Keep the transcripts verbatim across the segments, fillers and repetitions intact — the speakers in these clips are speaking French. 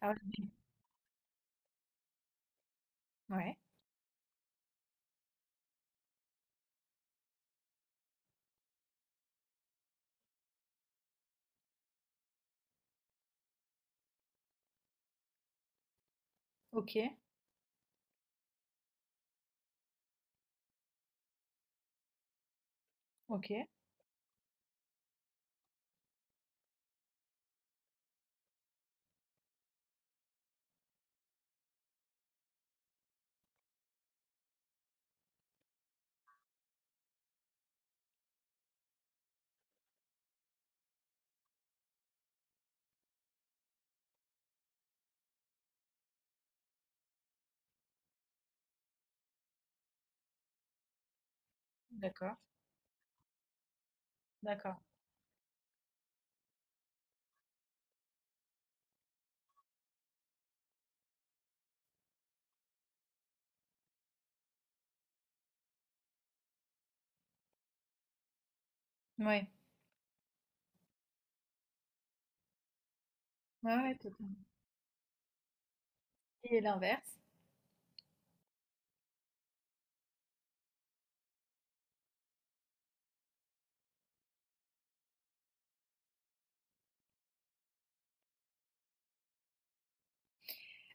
Ah oui. Ouais. OK, OK. D'accord, d'accord. Ouais. Ouais, ouais, totalement. Et l'inverse?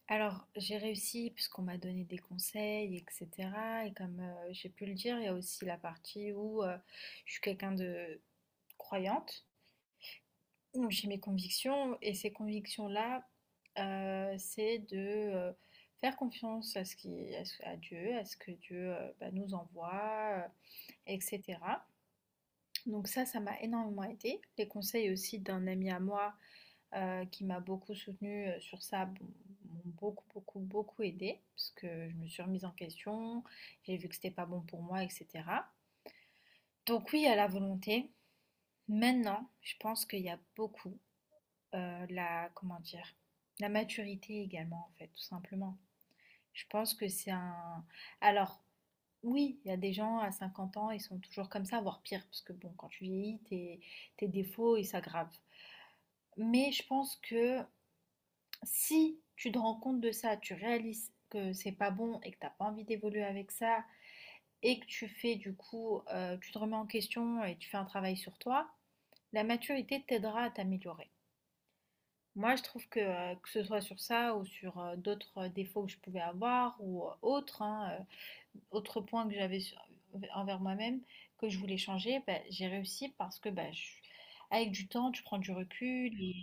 Alors, j'ai réussi puisqu'on m'a donné des conseils, et cetera. Et comme euh, j'ai pu le dire, il y a aussi la partie où euh, je suis quelqu'un de croyante, où j'ai mes convictions, et ces convictions-là, euh, c'est de euh, faire confiance à ce qui, à, ce- à Dieu, à ce que Dieu euh, bah, nous envoie, euh, et cetera. Donc ça, ça m'a énormément aidé. Les conseils aussi d'un ami à moi euh, qui m'a beaucoup soutenue euh, sur ça bon, m'ont beaucoup, beaucoup, beaucoup aidé parce que je me suis remise en question, j'ai vu que c'était pas bon pour moi, et cetera. Donc oui, à la volonté. Maintenant, je pense qu'il y a beaucoup euh, la, comment dire, la maturité également en fait, tout simplement. Je pense que c'est un. Alors, oui, il y a des gens à cinquante ans, ils sont toujours comme ça, voire pire, parce que bon, quand tu vieillis, tes, tes défauts, ils s'aggravent. Mais je pense que si tu te rends compte de ça, tu réalises que c'est pas bon et que t'as pas envie d'évoluer avec ça, et que tu fais du coup, euh, tu te remets en question et tu fais un travail sur toi, la maturité t'aidera à t'améliorer. Moi, je trouve que, heu, que ce soit sur ça ou sur, heu, d'autres, heu, défauts que je pouvais avoir ou, heu, autres, hein, heu, autre point que j'avais sur euh, envers moi-même, que je voulais changer, bah, j'ai réussi parce que, bah, je avec du temps, tu prends du recul et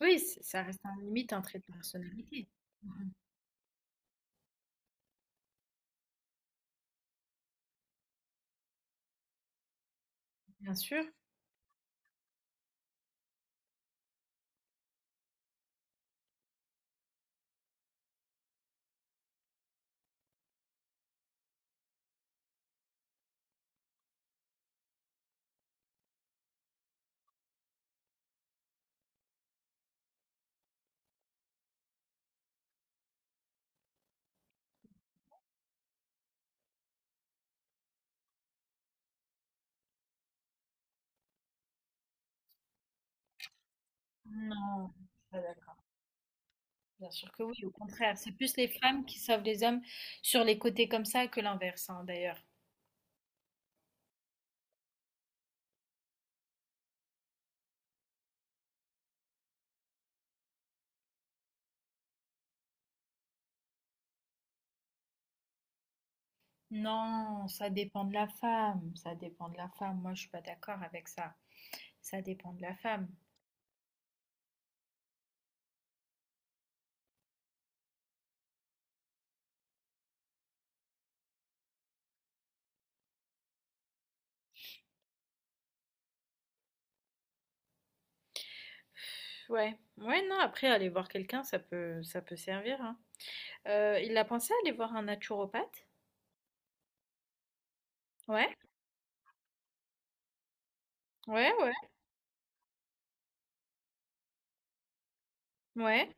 Oui, c ça reste un limite, un trait de personnalité. Mmh. Bien sûr. Non, je suis pas d'accord. Bien sûr que oui, au contraire, c'est plus les femmes qui sauvent les hommes sur les côtés comme ça que l'inverse, hein, d'ailleurs. Non, ça dépend de la femme, ça dépend de la femme. Moi, je suis pas d'accord avec ça. Ça dépend de la femme. Ouais, ouais, non, après aller voir quelqu'un, ça peut, ça peut servir, hein. Euh, il a pensé à aller voir un naturopathe? Ouais, ouais, ouais, ouais.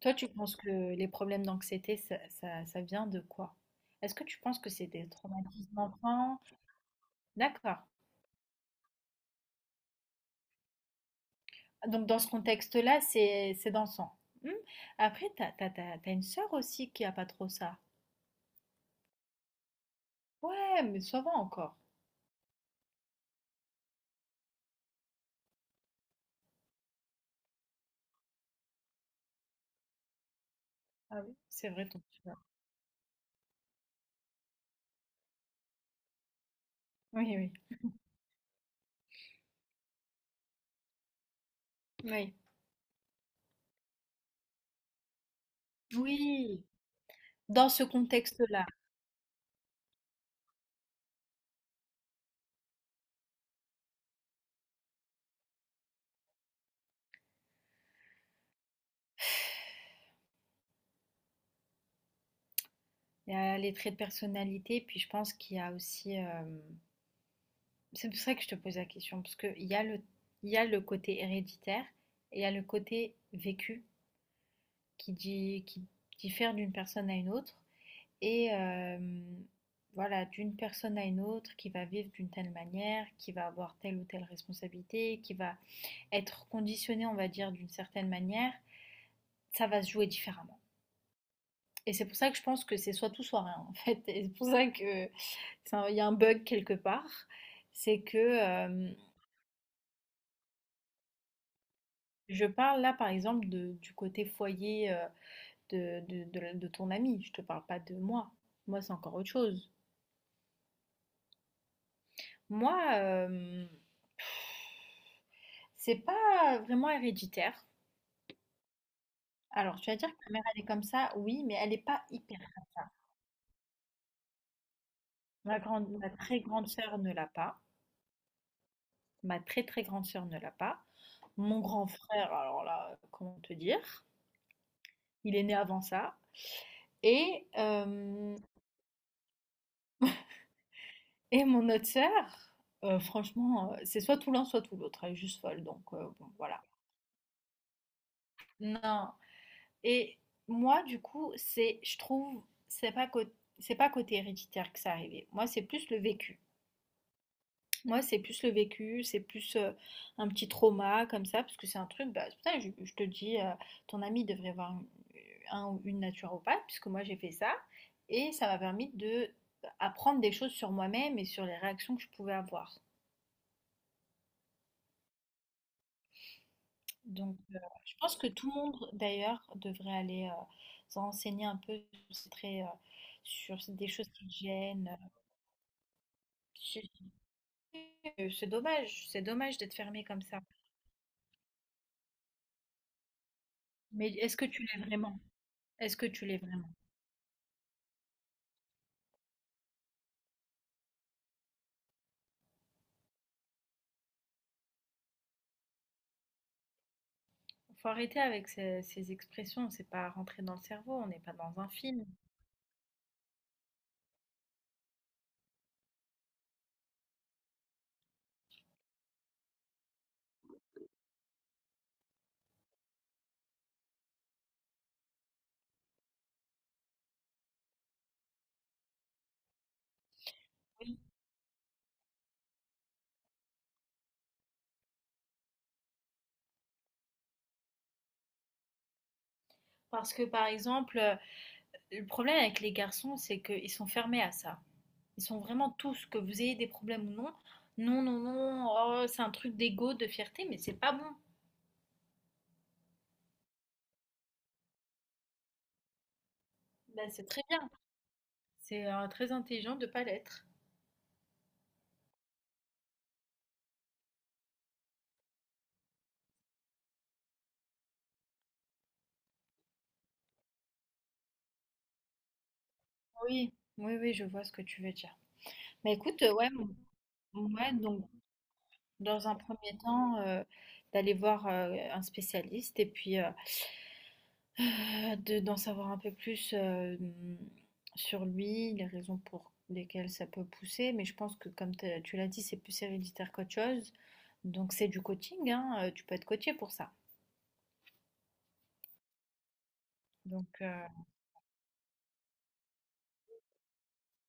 Toi, tu penses que les problèmes d'anxiété, ça, ça- ça vient de quoi? Est-ce que tu penses que c'est des traumatismes d'enfant? D'accord. Donc, dans ce contexte-là, c'est c'est dansant. Hmm. Après, t'as, t'as, t'as- t'as une sœur aussi qui a pas trop ça. Ouais, mais ça va encore. Ah oui, c'est vrai ton petit doigt. Oui, oui, oui. Oui, dans ce contexte-là. Il y a les traits de personnalité, puis je pense qu'il y a aussi. Euh, C'est pour ça que je te pose la question, parce qu'il y a le, il y a le côté héréditaire et il y a le côté vécu qui, di- qui diffère d'une personne à une autre. Et euh, voilà, d'une personne à une autre qui va vivre d'une telle manière, qui va avoir telle ou telle responsabilité, qui va être conditionnée, on va dire, d'une certaine manière, ça va se jouer différemment. Et c'est pour ça que je pense que c'est soit tout, soit rien, en fait. Et c'est pour ça que c'est un- il y a un bug quelque part. C'est que euh, je parle là, par exemple, de- du côté foyer euh, de, de- de la- de ton ami. Je te parle pas de moi. Moi, c'est encore autre chose. Moi, euh, c'est pas vraiment héréditaire. Alors, tu vas dire que ta mère, elle est comme ça, oui, mais elle n'est pas hyper comme ça. Ma grande, ma très grande sœur ne l'a pas. Ma très très grande sœur ne l'a pas. Mon grand frère, alors là, comment te dire? Il est né avant ça. Et, hem, et mon autre sœur, heu, franchement, heu, c'est soit tout l'un, soit tout l'autre. Elle est juste folle, donc heu, bon, voilà. Non et moi, du coup, c'est je trouve, c'est pas cô c'est pas côté héréditaire que ça arrivait. Moi, c'est plus le vécu. Moi, c'est plus le vécu, c'est plus euh, un petit trauma comme ça, parce que c'est un truc, bah, c'est pour ça que je, je te dis, euh, ton ami devrait voir un un ou une naturopathe, puisque moi j'ai fait ça, et ça m'a permis de apprendre des choses sur moi-même et sur les réactions que je pouvais avoir. Donc, euh, je pense que tout le monde, d'ailleurs, devrait aller euh, se renseigner un peu sur, ces traits, euh, sur des choses qui te gênent. Je sais que C'est dommage, c'est dommage d'être fermé comme ça. Mais est-ce que tu l'es vraiment? Est-ce que tu l'es vraiment? Faut arrêter avec ces, ces expressions, c'est pas rentré dans le cerveau, on n'est pas dans un film. Oui, Parce que par exemple, euh, le problème avec les garçons, c'est qu'ils sont fermés à ça. Ils sont vraiment tous, que vous ayez des problèmes ou non, non, non, non, oh, c'est un truc d'ego, de fierté, mais c'est pas bon. Ben, c'est très bien. C'est euh, très intelligent de pas l'être. Oui, oui, oui, je vois ce que tu veux dire. Mais écoute, euh, ouais, m- ouais, donc dans un premier temps, euh, d'aller voir euh, un spécialiste et puis euh, Heu, de d'en savoir un peu plus, hem, sur lui, les raisons pour lesquelles ça peut pousser, mais je pense que comme tu tu l'as dit, c'est plus héréditaire qu'autre chose, donc c'est du coaching, hein, heu, tu peux être coachée pour ça, donc heu,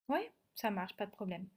ouais, ça marche, pas de problème.